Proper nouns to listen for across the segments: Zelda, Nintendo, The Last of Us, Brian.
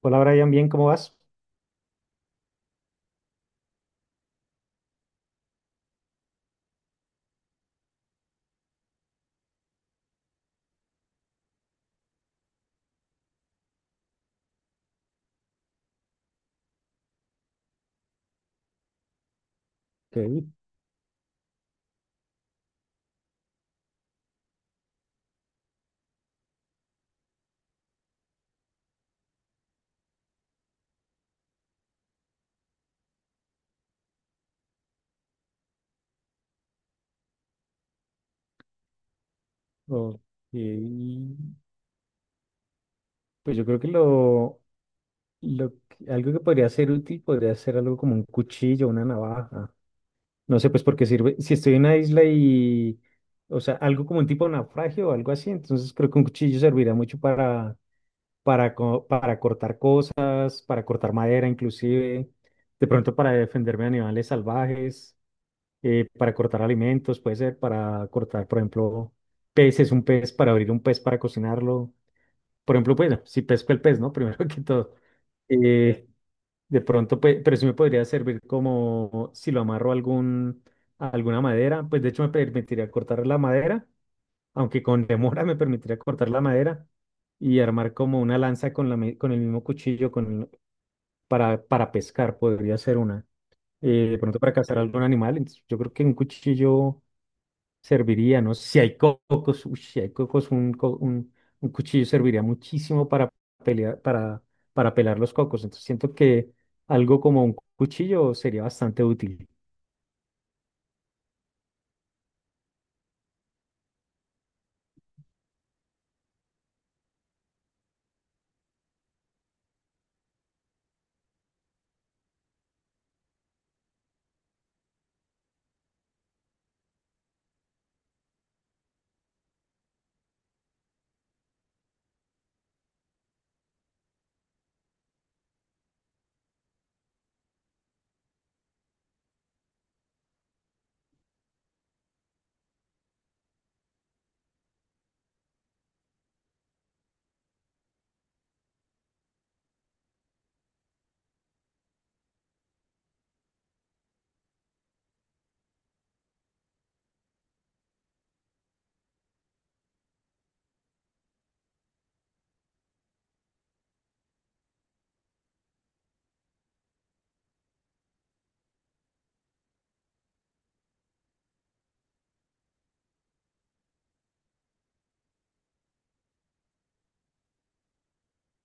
Hola Brian, bien, ¿cómo vas? Ok, ok. Pues yo creo que algo que podría ser útil podría ser algo como un cuchillo, una navaja. No sé, pues porque sirve, si estoy en una isla y, o sea, algo como un tipo de naufragio o algo así, entonces creo que un cuchillo servirá mucho para cortar cosas, para cortar madera inclusive, de pronto para defenderme de animales salvajes. Para cortar alimentos, puede ser para cortar, por ejemplo, peces, un pez, para abrir un pez, para cocinarlo. Por ejemplo, pues, si pesco el pez, ¿no? Primero que todo. Eh, de pronto, pues, pero sí me podría servir como si lo amarro a alguna madera, pues de hecho me permitiría cortar la madera, aunque con demora me permitiría cortar la madera y armar como una lanza con el mismo cuchillo para pescar, podría ser una de pronto para cazar algún animal. Entonces, yo creo que un cuchillo serviría, ¿no? Si hay cocos, uy, si hay cocos, un cuchillo serviría muchísimo para pelear, para pelar los cocos. Entonces siento que algo como un cuchillo sería bastante útil.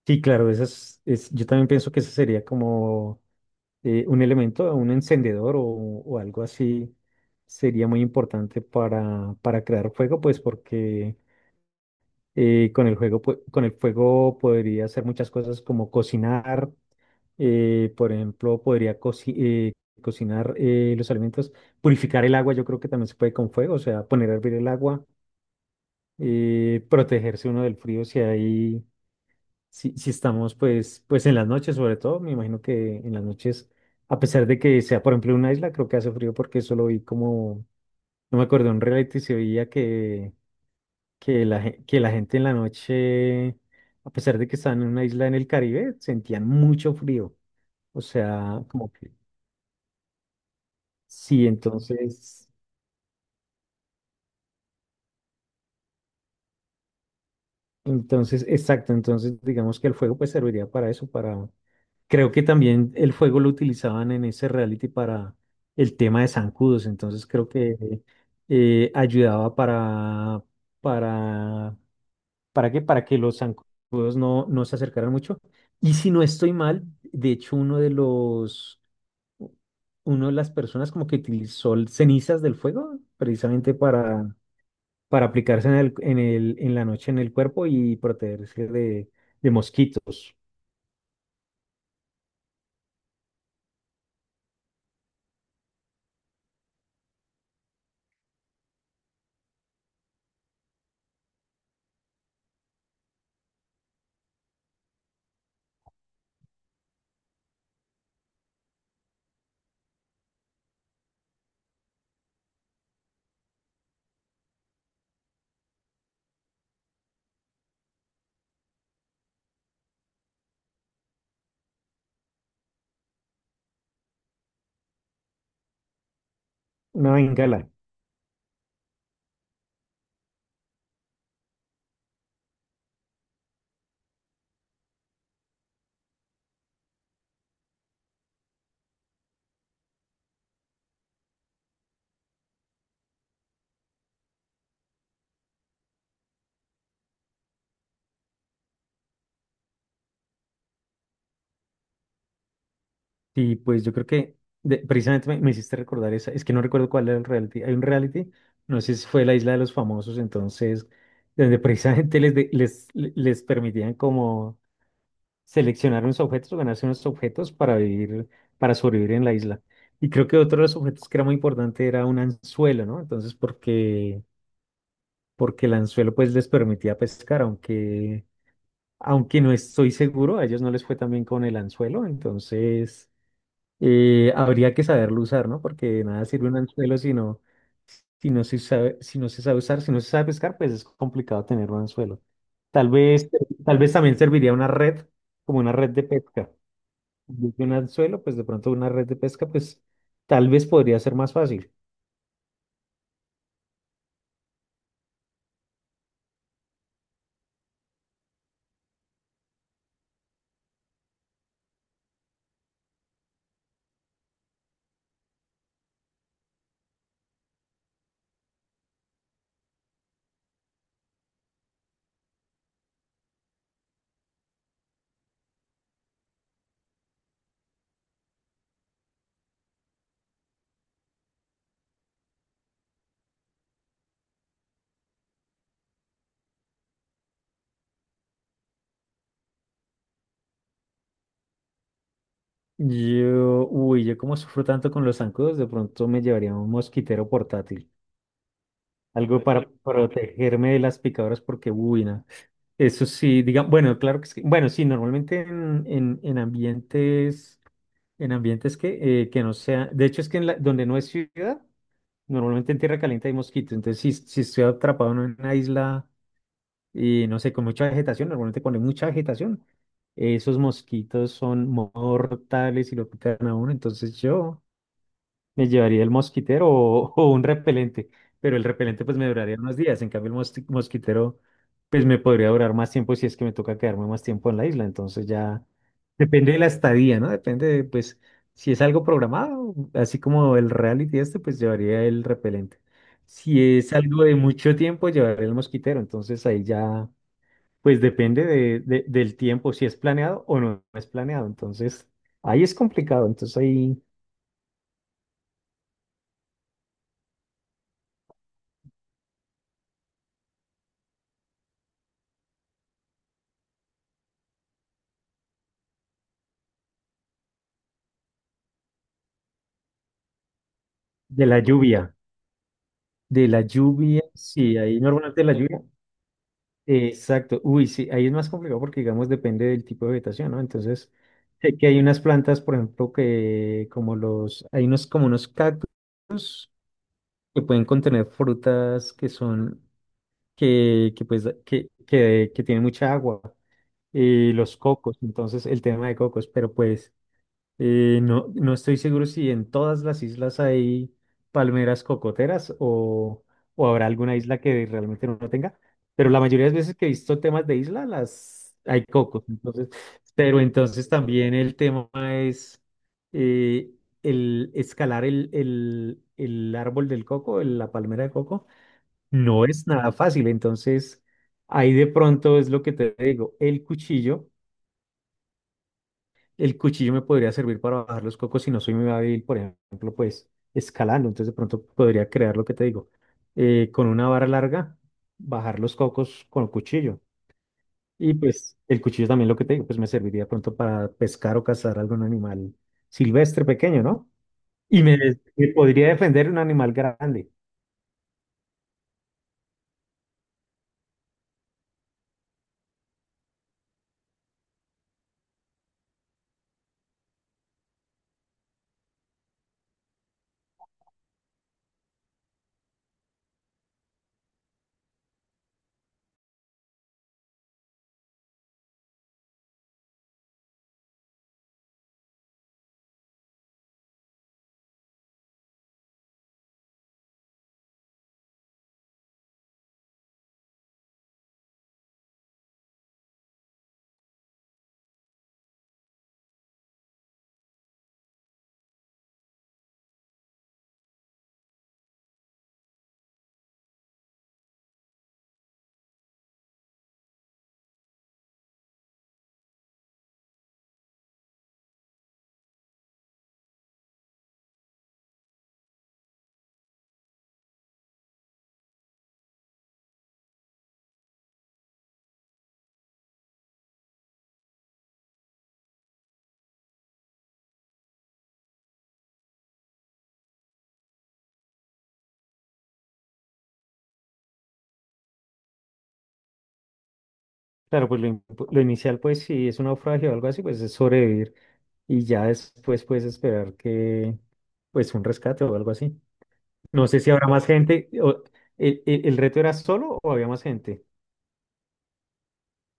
Sí, claro, yo también pienso que eso sería como un elemento, un encendedor o algo así. Sería muy importante para crear fuego, pues porque con el fuego podría hacer muchas cosas como cocinar por ejemplo, cocinar los alimentos, purificar el agua, yo creo que también se puede con fuego, o sea, poner a hervir el agua, protegerse uno del frío si hay, si, si estamos pues, pues en las noches sobre todo, me imagino que en las noches, a pesar de que sea por ejemplo una isla, creo que hace frío porque eso lo vi como, no me acuerdo, en un reality se veía que, que la gente en la noche, a pesar de que estaban en una isla en el Caribe, sentían mucho frío. O sea, como que sí, entonces, entonces, exacto, entonces digamos que el fuego pues serviría para eso, para, creo que también el fuego lo utilizaban en ese reality para el tema de zancudos, entonces creo que ayudaba para, ¿para qué? Para que los zancudos no, no se acercaran mucho. Y si no estoy mal, de hecho uno de las personas como que utilizó cenizas del fuego precisamente para aplicarse en la noche en el cuerpo y protegerse de mosquitos. Una bengala. Y pues yo creo que precisamente me hiciste recordar esa. Es que no recuerdo cuál era el reality. Hay un reality, no sé si fue la Isla de los Famosos, entonces, donde precisamente les permitían como seleccionar unos objetos o ganarse unos objetos para vivir, para sobrevivir en la isla. Y creo que otro de los objetos que era muy importante era un anzuelo, ¿no? Entonces, porque porque el anzuelo pues les permitía pescar, aunque, aunque no estoy seguro, a ellos no les fue tan bien con el anzuelo, entonces habría que saberlo usar, ¿no? Porque de nada sirve un anzuelo si no, si no se sabe, si no se sabe usar, si no se sabe pescar, pues es complicado tener un anzuelo. Tal vez, tal vez también serviría una red, como una red de pesca. En vez de un anzuelo, pues de pronto una red de pesca, pues tal vez podría ser más fácil. Yo, uy, yo como sufro tanto con los zancudos, de pronto me llevaría un mosquitero portátil, algo para protegerme de las picadoras porque, uy, no. Eso sí, diga, bueno, claro que sí. Bueno, sí, normalmente en ambientes que no sea, de hecho es que donde no es ciudad, normalmente en tierra caliente hay mosquitos, entonces si, si estoy atrapado en una isla y no sé, con mucha vegetación, normalmente cuando hay mucha vegetación, esos mosquitos son mortales y lo pican a uno, entonces yo... Me llevaría el mosquitero o, o un repelente, pero el repelente pues me duraría unos días, en cambio el mosquitero pues me podría durar más tiempo si es que me toca quedarme más tiempo en la isla, entonces ya depende de la estadía, ¿no? Depende de, pues si es algo programado, así como el reality este, pues llevaría el repelente. Si es algo de mucho tiempo, llevaría el mosquitero, entonces ahí ya pues depende de, del tiempo, si es planeado o no es planeado, entonces ahí es complicado, entonces ahí de la lluvia. De la lluvia, sí, ahí normalmente la lluvia. Exacto, uy, sí, ahí es más complicado porque, digamos, depende del tipo de vegetación, ¿no? Entonces, sé que hay unas plantas, por ejemplo, que como los, hay unos, como unos cactus que pueden contener frutas que son, que pues, que tienen mucha agua, y los cocos, entonces, el tema de cocos, pero pues. No, no estoy seguro si en todas las islas hay palmeras cocoteras o habrá alguna isla que realmente no tenga, pero la mayoría de las veces que he visto temas de isla, las hay cocos. Entonces, pero entonces también el tema es eh, el escalar el árbol del coco, la palmera de coco, no es nada fácil. Entonces, ahí de pronto es lo que te digo, el cuchillo me podría servir para bajar los cocos si no soy muy hábil, por ejemplo, pues escalando. Entonces de pronto podría crear lo que te digo, con una vara larga, bajar los cocos con el cuchillo. Y pues el cuchillo también lo que te digo, pues me serviría de pronto para pescar o cazar algún animal silvestre pequeño, ¿no? Y me podría defender un animal grande. Claro, pues lo inicial, pues si es un naufragio o algo así, pues es sobrevivir y ya después puedes esperar que, pues un rescate o algo así. No sé si habrá más gente. El reto era solo o había más gente?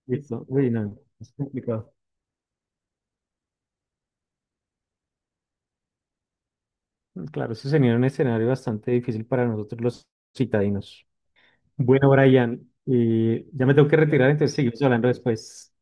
Listo. Uy, no, es complicado. Claro, eso sería un escenario bastante difícil para nosotros los citadinos. Bueno, Brian, ya me tengo que retirar, entonces seguimos hablando después.